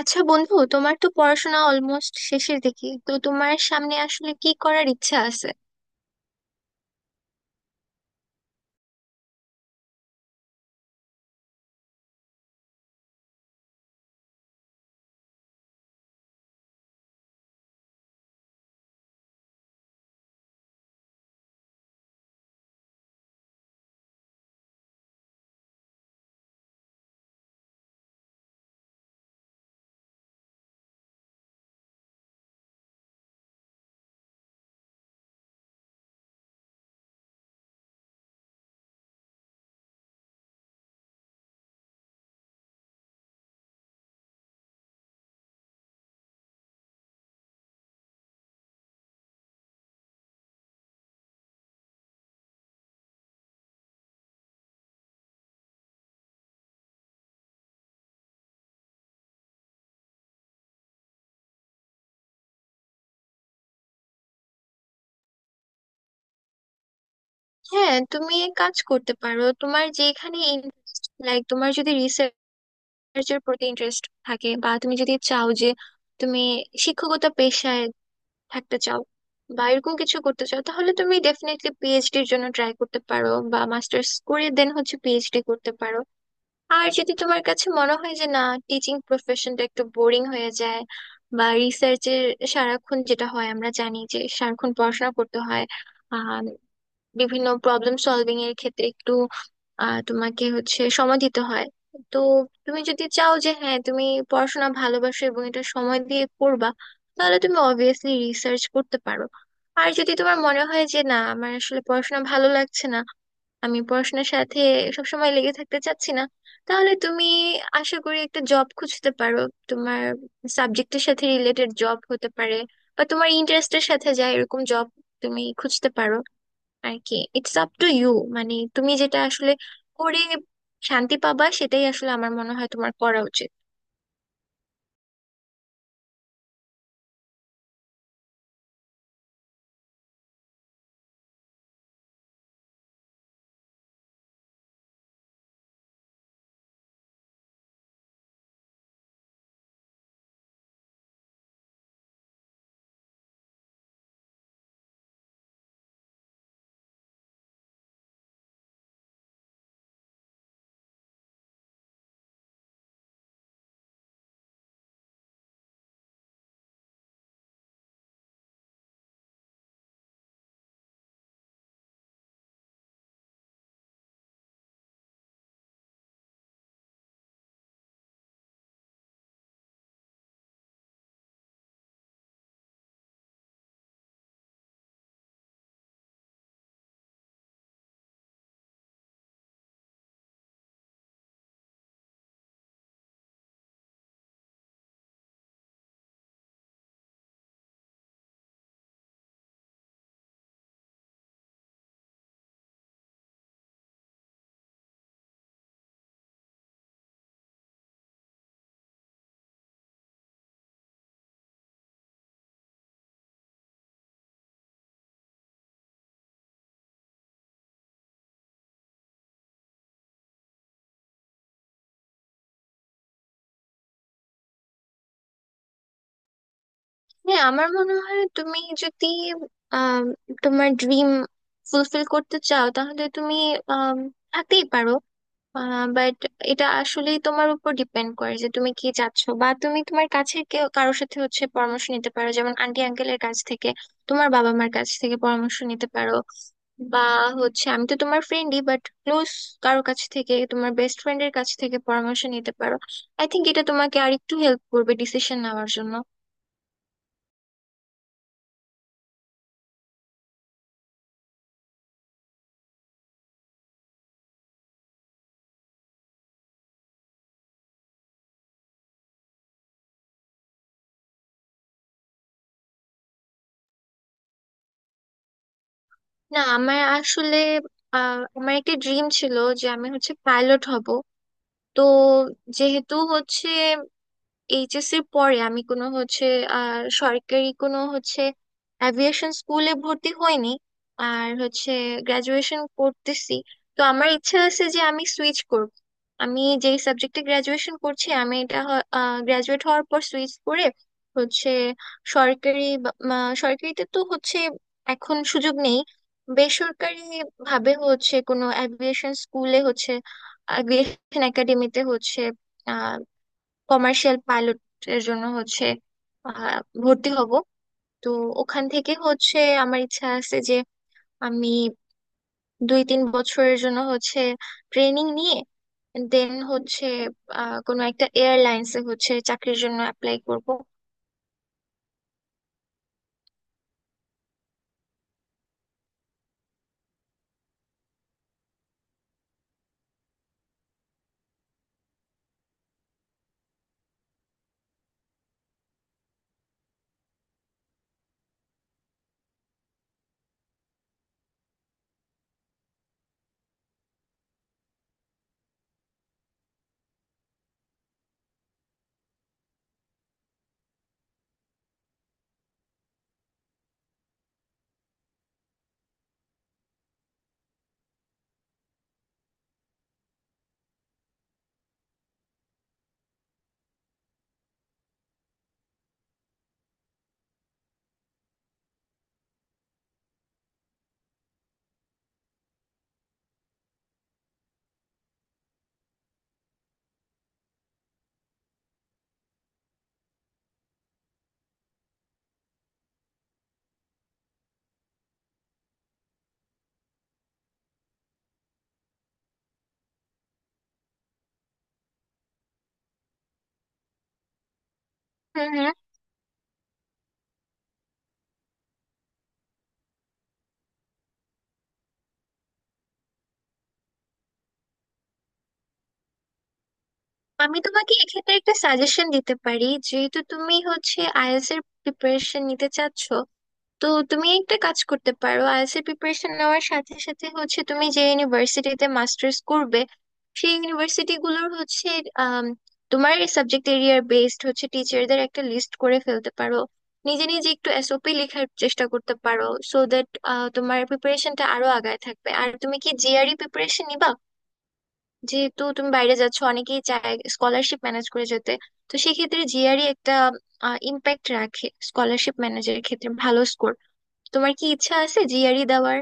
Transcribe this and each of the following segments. আচ্ছা বন্ধু, তোমার তো পড়াশোনা অলমোস্ট শেষের দিকে। তো তোমার সামনে আসলে কি করার ইচ্ছা আছে? হ্যাঁ, তুমি এক কাজ করতে পারো। তোমার যেখানে ইন্টারেস্ট, লাইক তোমার যদি রিসার্চের প্রতি ইন্টারেস্ট থাকে, বা তুমি যদি চাও যে তুমি শিক্ষকতা পেশায় থাকতে চাও বা এরকম কিছু করতে চাও, তাহলে তুমি ডেফিনেটলি পিএইচডির জন্য ট্রাই করতে পারো, বা মাস্টার্স করে দেন হচ্ছে পিএইচডি করতে পারো। আর যদি তোমার কাছে মনে হয় যে না, টিচিং প্রফেশনটা একটু বোরিং হয়ে যায়, বা রিসার্চের সারাক্ষণ যেটা হয় আমরা জানি যে সারাক্ষণ পড়াশোনা করতে হয়, আহ বিভিন্ন প্রবলেম সলভিং এর ক্ষেত্রে একটু তোমাকে হচ্ছে সময় দিতে হয়। তো তুমি যদি চাও যে হ্যাঁ, তুমি পড়াশোনা ভালোবাসো এবং এটা সময় দিয়ে করবা, তাহলে তুমি অবভিয়াসলি রিসার্চ করতে পারো। আর যদি তোমার মনে হয় যে না, আমার আসলে পড়াশোনা ভালো লাগছে না, আমি পড়াশোনার সাথে সবসময় লেগে থাকতে চাচ্ছি না, তাহলে তুমি আশা করি একটা জব খুঁজতে পারো। তোমার সাবজেক্টের সাথে রিলেটেড জব হতে পারে, বা তোমার ইন্টারেস্টের সাথে যায় এরকম জব তুমি খুঁজতে পারো আর কি। It's up to you. মানে তুমি যেটা আসলে করে শান্তি পাবা, সেটাই আসলে আমার মনে হয় তোমার করা উচিত। হ্যাঁ, আমার মনে হয় তুমি যদি আহ তোমার ড্রিম ফুলফিল করতে চাও, তাহলে তুমি আহ থাকতেই পারো। বাট এটা আসলেই তোমার উপর ডিপেন্ড করে যে তুমি কি চাচ্ছ। বা তুমি তোমার কাছের কেউ, কারোর সাথে হচ্ছে পরামর্শ নিতে পারো, যেমন আন্টি আঙ্কেলের কাছ থেকে, তোমার বাবা মার কাছ থেকে পরামর্শ নিতে পারো। বা হচ্ছে আমি তো তোমার ফ্রেন্ডই, বাট ক্লোজ কারোর কাছ থেকে, তোমার বেস্ট ফ্রেন্ডের কাছ থেকে পরামর্শ নিতে পারো। আই থিংক এটা তোমাকে আর একটু হেল্প করবে ডিসিশন নেওয়ার জন্য। না, আমার আসলে আমার একটা ড্রিম ছিল যে আমি হচ্ছে পাইলট হব। তো যেহেতু হচ্ছে এইচএসসি এর পরে আমি কোনো হচ্ছে আর সরকারি কোনো হচ্ছে অ্যাভিয়েশন স্কুলে ভর্তি হইনি, আর হচ্ছে গ্রাজুয়েশন করতেছি, তো আমার ইচ্ছা আছে যে আমি সুইচ করব। আমি যেই সাবজেক্টে গ্রাজুয়েশন করছি আমি এটা গ্রাজুয়েট হওয়ার পর সুইচ করে হচ্ছে সরকারি সরকারিতে তো হচ্ছে এখন সুযোগ নেই, বেসরকারি ভাবে হচ্ছে কোনো অ্যাভিয়েশন স্কুলে হচ্ছে অ্যাভিয়েশন একাডেমিতে হচ্ছে কমার্শিয়াল পাইলট এর জন্য হচ্ছে আহ, ভর্তি হব। তো ওখান থেকে হচ্ছে আমার ইচ্ছা আছে যে আমি 2-3 বছরের জন্য হচ্ছে ট্রেনিং নিয়ে দেন হচ্ছে কোনো একটা এয়ারলাইন্সে হচ্ছে চাকরির জন্য অ্যাপ্লাই করব। হুম হুম। আমি তোমাকে এক্ষেত্রে একটা সাজেশন দিতে পারি। যেহেতু তুমি হচ্ছে আইএলটিএস এর প্রিপারেশন নিতে চাচ্ছ, তো তুমি একটা কাজ করতে পারো, আইএলটিএস এর প্রিপারেশন নেওয়ার সাথে সাথে হচ্ছে তুমি যে ইউনিভার্সিটিতে মাস্টার্স করবে সেই ইউনিভার্সিটি গুলোর হচ্ছে আম, তোমার সাবজেক্ট এরিয়ার বেসড হচ্ছে টিচারদের একটা লিস্ট করে ফেলতে পারো, নিজে নিজে একটু এসওপি লেখার চেষ্টা করতে পারো, সো দ্যাট তোমার প্রিপারেশনটা আরো আগায় থাকবে। আর তুমি কি জিআরই প্রিপারেশন নিবা? যেহেতু তুমি বাইরে যাচ্ছ অনেকেই চায় স্কলারশিপ ম্যানেজ করে যেতে, তো সেক্ষেত্রে জিআরই একটা ইম্প্যাক্ট রাখে স্কলারশিপ ম্যানেজারের ক্ষেত্রে ভালো। তোমার কি ইচ্ছা আছে জিআরই দেওয়ার?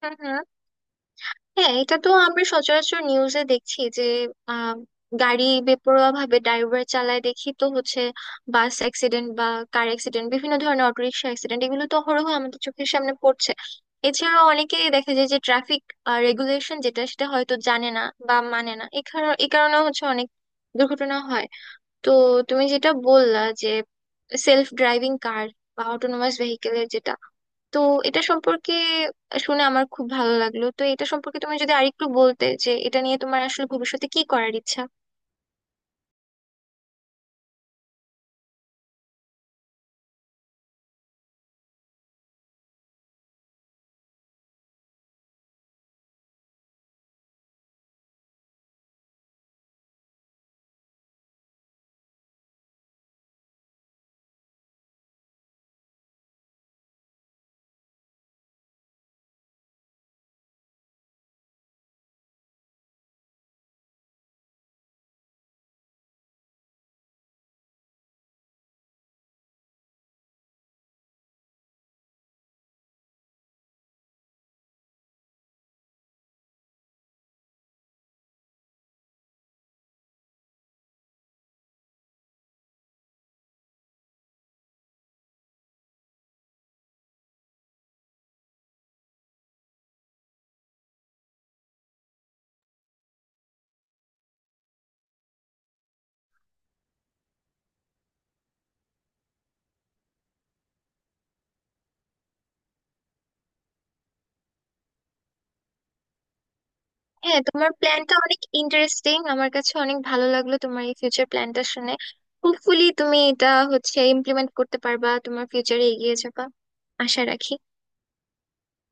হুম হুম। হ্যাঁ, এটা তো আমরা সচরাচর নিউজে দেখছি যে আহ গাড়ি বেপরোয়া ভাবে ড্রাইভার চালায় দেখি তো হচ্ছে বাস অ্যাক্সিডেন্ট বা কার অ্যাক্সিডেন্ট, বিভিন্ন ধরনের অটোরিকশা অ্যাক্সিডেন্ট, এগুলো তো অহরহ আমাদের চোখের সামনে পড়ছে। এছাড়াও অনেকেই দেখা যায় যে ট্রাফিক রেগুলেশন যেটা সেটা হয়তো জানে না বা মানে না, এ কারণে হচ্ছে অনেক দুর্ঘটনা হয়। তো তুমি যেটা বললা যে সেলফ ড্রাইভিং কার বা অটোনোমাস ভেহিকেলের যেটা, তো এটা সম্পর্কে শুনে আমার খুব ভালো লাগলো। তো এটা সম্পর্কে তুমি যদি আরেকটু বলতে যে এটা নিয়ে তোমার আসলে ভবিষ্যতে কি করার ইচ্ছা। হ্যাঁ, তোমার প্ল্যানটা অনেক ইন্টারেস্টিং, আমার কাছে অনেক ভালো লাগলো তোমার এই ফিউচার প্ল্যানটা শুনে। হোপফুলি তুমি এটা হচ্ছে ইমপ্লিমেন্ট করতে পারবা, তোমার ফিউচারে এগিয়ে যাবা, আশা রাখি।